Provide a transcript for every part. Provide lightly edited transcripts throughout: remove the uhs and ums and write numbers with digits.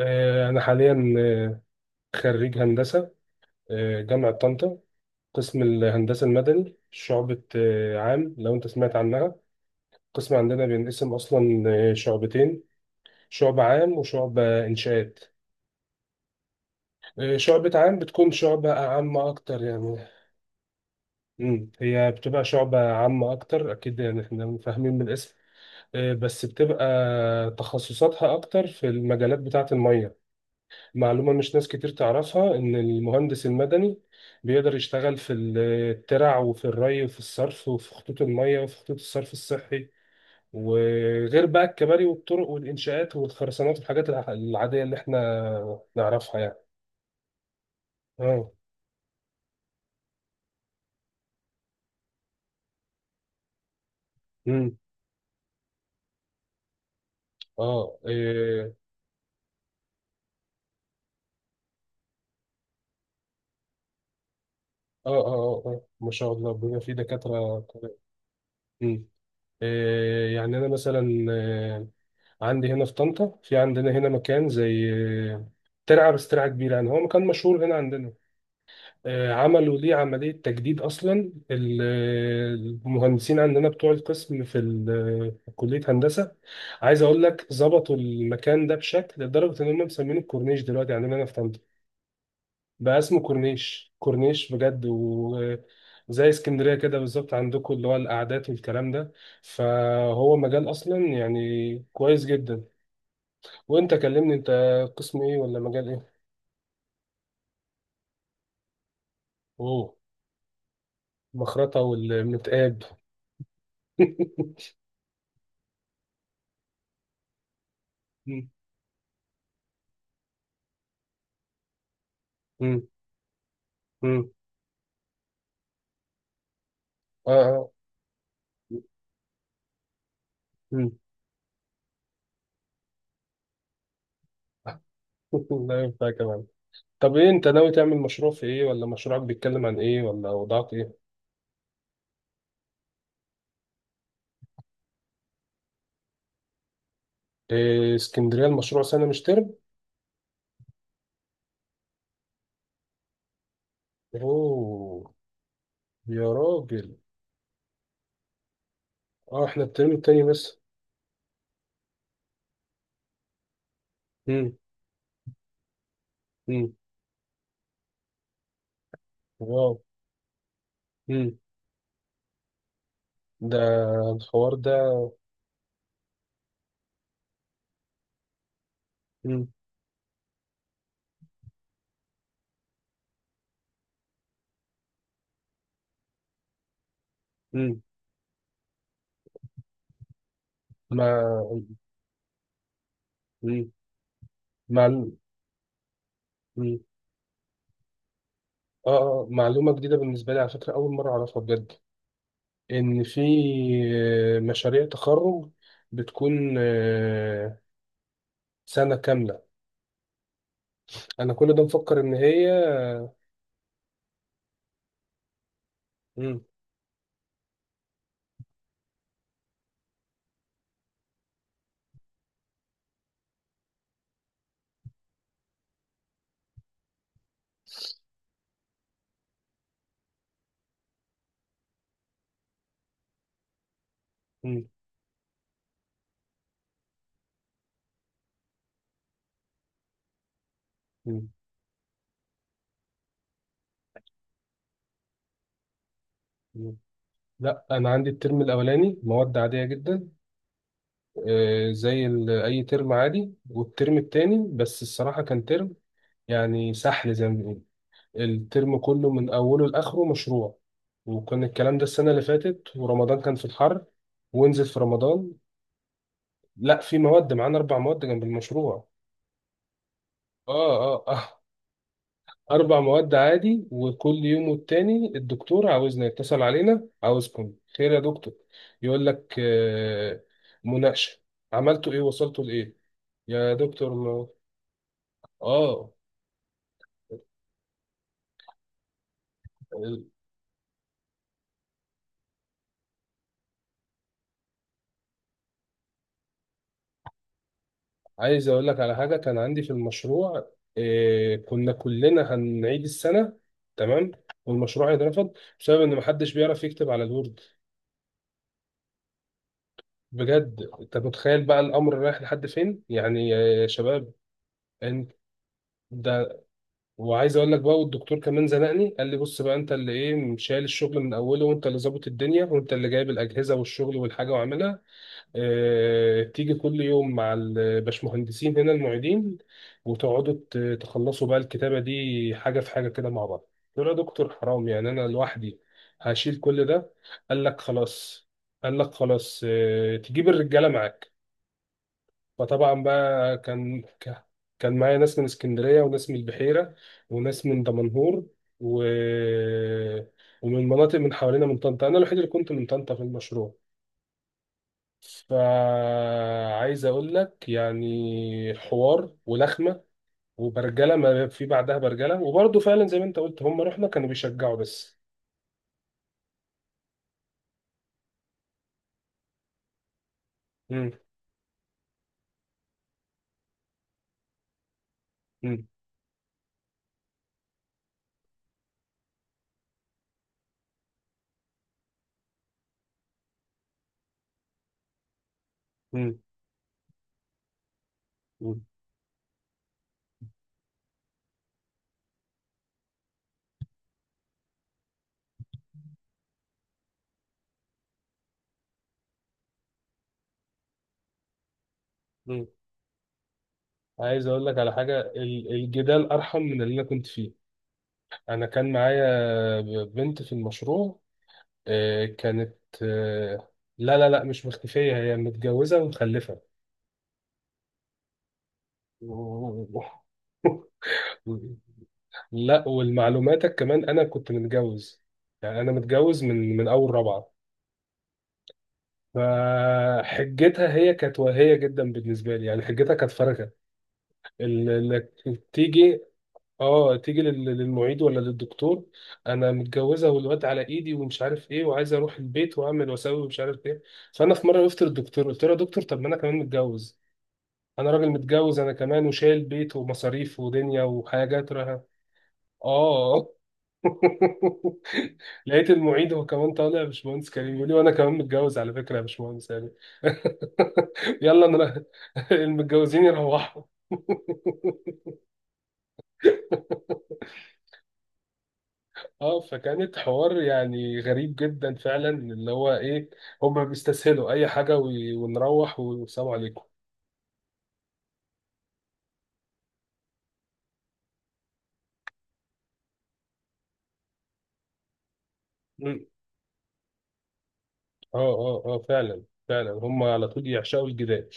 أنا حاليا خريج هندسة جامعة طنطا، قسم الهندسة المدني، شعبة عام لو أنت سمعت عنها. قسم عندنا بينقسم أصلا شعبتين، شعبة عام وشعبة إنشاءات. شعبة عام بتكون شعبة عامة أكتر يعني. مم. هي بتبقى شعبة عامة أكتر، أكيد يعني إحنا فاهمين من الاسم. بس بتبقى تخصصاتها أكتر في المجالات بتاعة المية. معلومة مش ناس كتير تعرفها، إن المهندس المدني بيقدر يشتغل في الترع وفي الري وفي الصرف وفي خطوط المية وفي خطوط الصرف الصحي، وغير بقى الكباري والطرق والإنشاءات والخرسانات والحاجات العادية اللي إحنا نعرفها يعني. آه. مم. آه. إيه. آه، آه. آه، آه، ما شاء الله بيبقى في دكاترة. مم. إيه. يعني أنا مثلا عندي هنا في طنطا، في عندنا هنا مكان زي ترعة، بس ترعة كبيرة يعني، هو مكان مشهور هنا عندنا. عملوا ليه عملية تجديد أصلا. المهندسين عندنا بتوع القسم في كلية هندسة، عايز أقول لك، ظبطوا المكان ده بشكل لدرجة إن هم مسمينه الكورنيش دلوقتي عندنا أنا في طنطا. بقى اسمه كورنيش كورنيش بجد، وزي اسكندرية كده بالظبط عندكم، اللي هو القعدات والكلام ده. فهو مجال أصلا يعني كويس جدا. وأنت كلمني، أنت قسم إيه ولا مجال إيه؟ أوه. مخرطة والمتقاب. مم. مم. اه، اه. مم. لا، ينفع كمان. طب ايه، انت ناوي تعمل مشروع في ايه، ولا مشروعك بيتكلم عن ايه، ولا وضعك ايه؟ إيه، اسكندرية المشروع سنة مش ترم؟ اوه. يا راجل. اه، احنا الترم التاني بس. مم. مم. واو. مم. ده الحوار ده. مم. مم. ما. مم. معلو... مم. اه، معلومة جديدة بالنسبة لي على فكرة، أول مرة أعرفها بجد، إن في مشاريع تخرج بتكون سنة كاملة. أنا كل ده مفكر إن هي. مم. مم. مم. مم. لا، أنا عندي الترم الأولاني مواد عادية جدا، زي أي ترم عادي. والترم التاني بس الصراحة كان ترم، يعني سحل زي ما بيقولوا، الترم كله من أوله لآخره مشروع. وكان الكلام ده السنة اللي فاتت، ورمضان كان في الحر، ونزل في رمضان. لا، في مواد معانا، أربع مواد جنب المشروع. آه، آه، آه. أربع مواد عادي، وكل يوم والتاني الدكتور عاوزنا يتصل علينا، عاوزكم خير يا دكتور؟ يقول لك مناقشة، عملتوا إيه، وصلتوا لإيه. يا دكتور آه، عايز أقول لك على حاجة كان عندي في المشروع. كنا كلنا هنعيد السنة، تمام، والمشروع هيترفض، بسبب إن محدش بيعرف يكتب على الوورد. بجد أنت متخيل بقى الأمر رايح لحد فين يعني يا شباب؟ أنت، وعايز اقول لك بقى، والدكتور كمان زنقني قال لي، بص بقى انت اللي ايه شايل الشغل من اوله، وانت اللي ظابط الدنيا، وانت اللي جايب الاجهزه والشغل والحاجه وعاملها. اه، تيجي كل يوم مع الباشمهندسين هنا المعيدين، وتقعدوا تخلصوا بقى الكتابه دي حاجه في حاجه كده مع بعض. قلت له يا دكتور، حرام يعني، انا لوحدي هشيل كل ده. قال لك خلاص قال لك خلاص، اه، تجيب الرجاله معاك. فطبعا بقى كان كان معايا ناس من اسكندرية وناس من البحيرة وناس من دمنهور و... ومن مناطق من حوالينا من طنطا. أنا الوحيد اللي كنت من طنطا في المشروع. فعايز أقول لك، يعني حوار ولخمة وبرجلة ما في بعدها برجلة. وبرضه فعلا زي ما أنت قلت، هم رحنا كانوا بيشجعوا بس. مم. مم. مم. مم. مم. عايز أقول لك على حاجة، الجدال أرحم من اللي أنا كنت فيه. انا كان معايا بنت في المشروع، كانت آه، لا، لا، لا، مش مختفية، هي متجوزة ومخلفة. لا، والمعلوماتك كمان انا كنت متجوز. يعني انا متجوز من اول رابعة. فحجتها، هي كانت واهية جدا بالنسبة لي، يعني حجتها كانت فارغة. اللي تيجي، اه تيجي للمعيد ولا للدكتور، انا متجوزه والواد على ايدي ومش عارف ايه، وعايزه اروح البيت واعمل واسوي ومش عارف ايه. فانا في مره وقفت للدكتور، قلت له يا دكتور، طب ما انا كمان متجوز. انا راجل متجوز انا كمان، وشايل بيت ومصاريف ودنيا وحاجات راها. اه. لقيت المعيد هو كمان طالع، يا باشمهندس كريم يقول لي، وانا كمان متجوز على فكره يا باشمهندس يعني. يلا انا. المتجوزين يروحوا. اه، فكانت حوار يعني غريب جدا فعلا، اللي هو ايه، هما بيستسهلوا اي حاجه، ونروح والسلام عليكم. مم. اه، اه، اه، فعلا، فعلا هما على طول يعشقوا الجدال،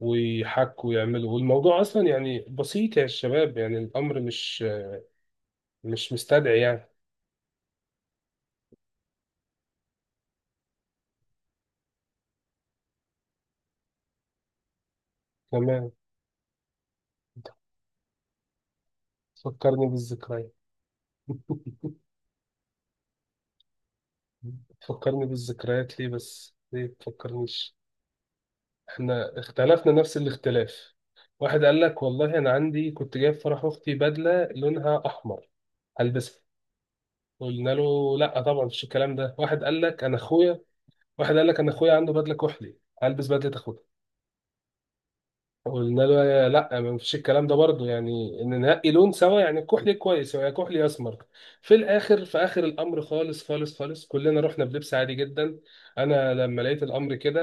ويحكوا ويعملوا، والموضوع اصلا يعني بسيط يا شباب، يعني الامر مش مستدعي يعني. تمام. تفكرني بالذكريات. تفكرني بالذكريات ليه بس، ليه تفكرنيش؟ احنا اختلفنا نفس الاختلاف. واحد قال لك، والله انا عندي كنت جايب فرح اختي بدله لونها احمر، هلبسها. قلنا له لا، طبعا مفيش الكلام ده. واحد قال لك انا اخويا عنده بدله كحلي، هلبس بدله اخويا. قلنا له لا، ما فيش الكلام ده برضه، يعني ان ننقي لون سوا، يعني كحلي كويس، يا كحلي يا اسمر. في اخر الامر خالص خالص خالص، كلنا رحنا بلبس عادي جدا. انا لما لقيت الامر كده،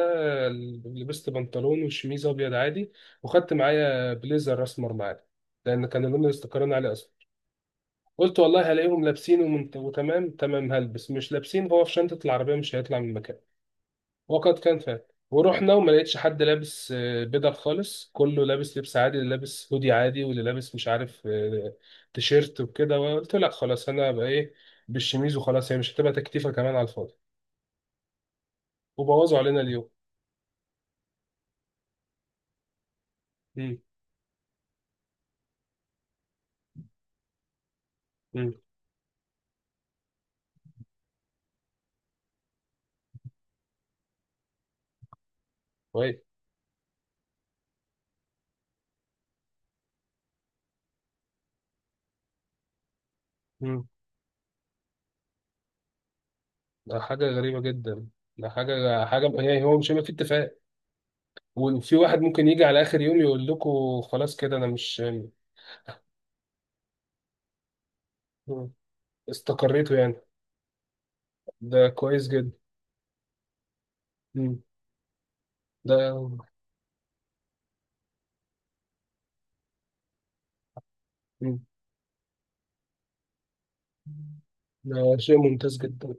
آه، لبست بنطلون وشميز ابيض عادي، وخدت معايا بليزر اسمر معايا، لان كان اللون اللي استقرينا عليه اصلا. قلت والله هلاقيهم لابسين وتمام تمام هلبس، مش لابسين، هو في شنطة العربية مش هيطلع من مكانه. وقد كان فعلا. ورحنا وما لقيتش حد لابس بدل خالص، كله لابس لبس عادي، اللي لابس هودي عادي، واللي لابس مش عارف تيشيرت وكده، وقلت لا خلاص، انا بقى ايه، بالشميز وخلاص، هي مش هتبقى تكتيفه كمان على الفاضي، وبوظوا علينا اليوم. امم. امم. كويس. امم. ده حاجه غريبه جدا. ده حاجه يعني هو مش هيبقى في اتفاق، وفي واحد ممكن يجي على اخر يوم يقول لكم خلاص كده انا مش. مم. استقريتوا يعني، ده كويس جدا. مم. ده ده شيء ممتاز جدا.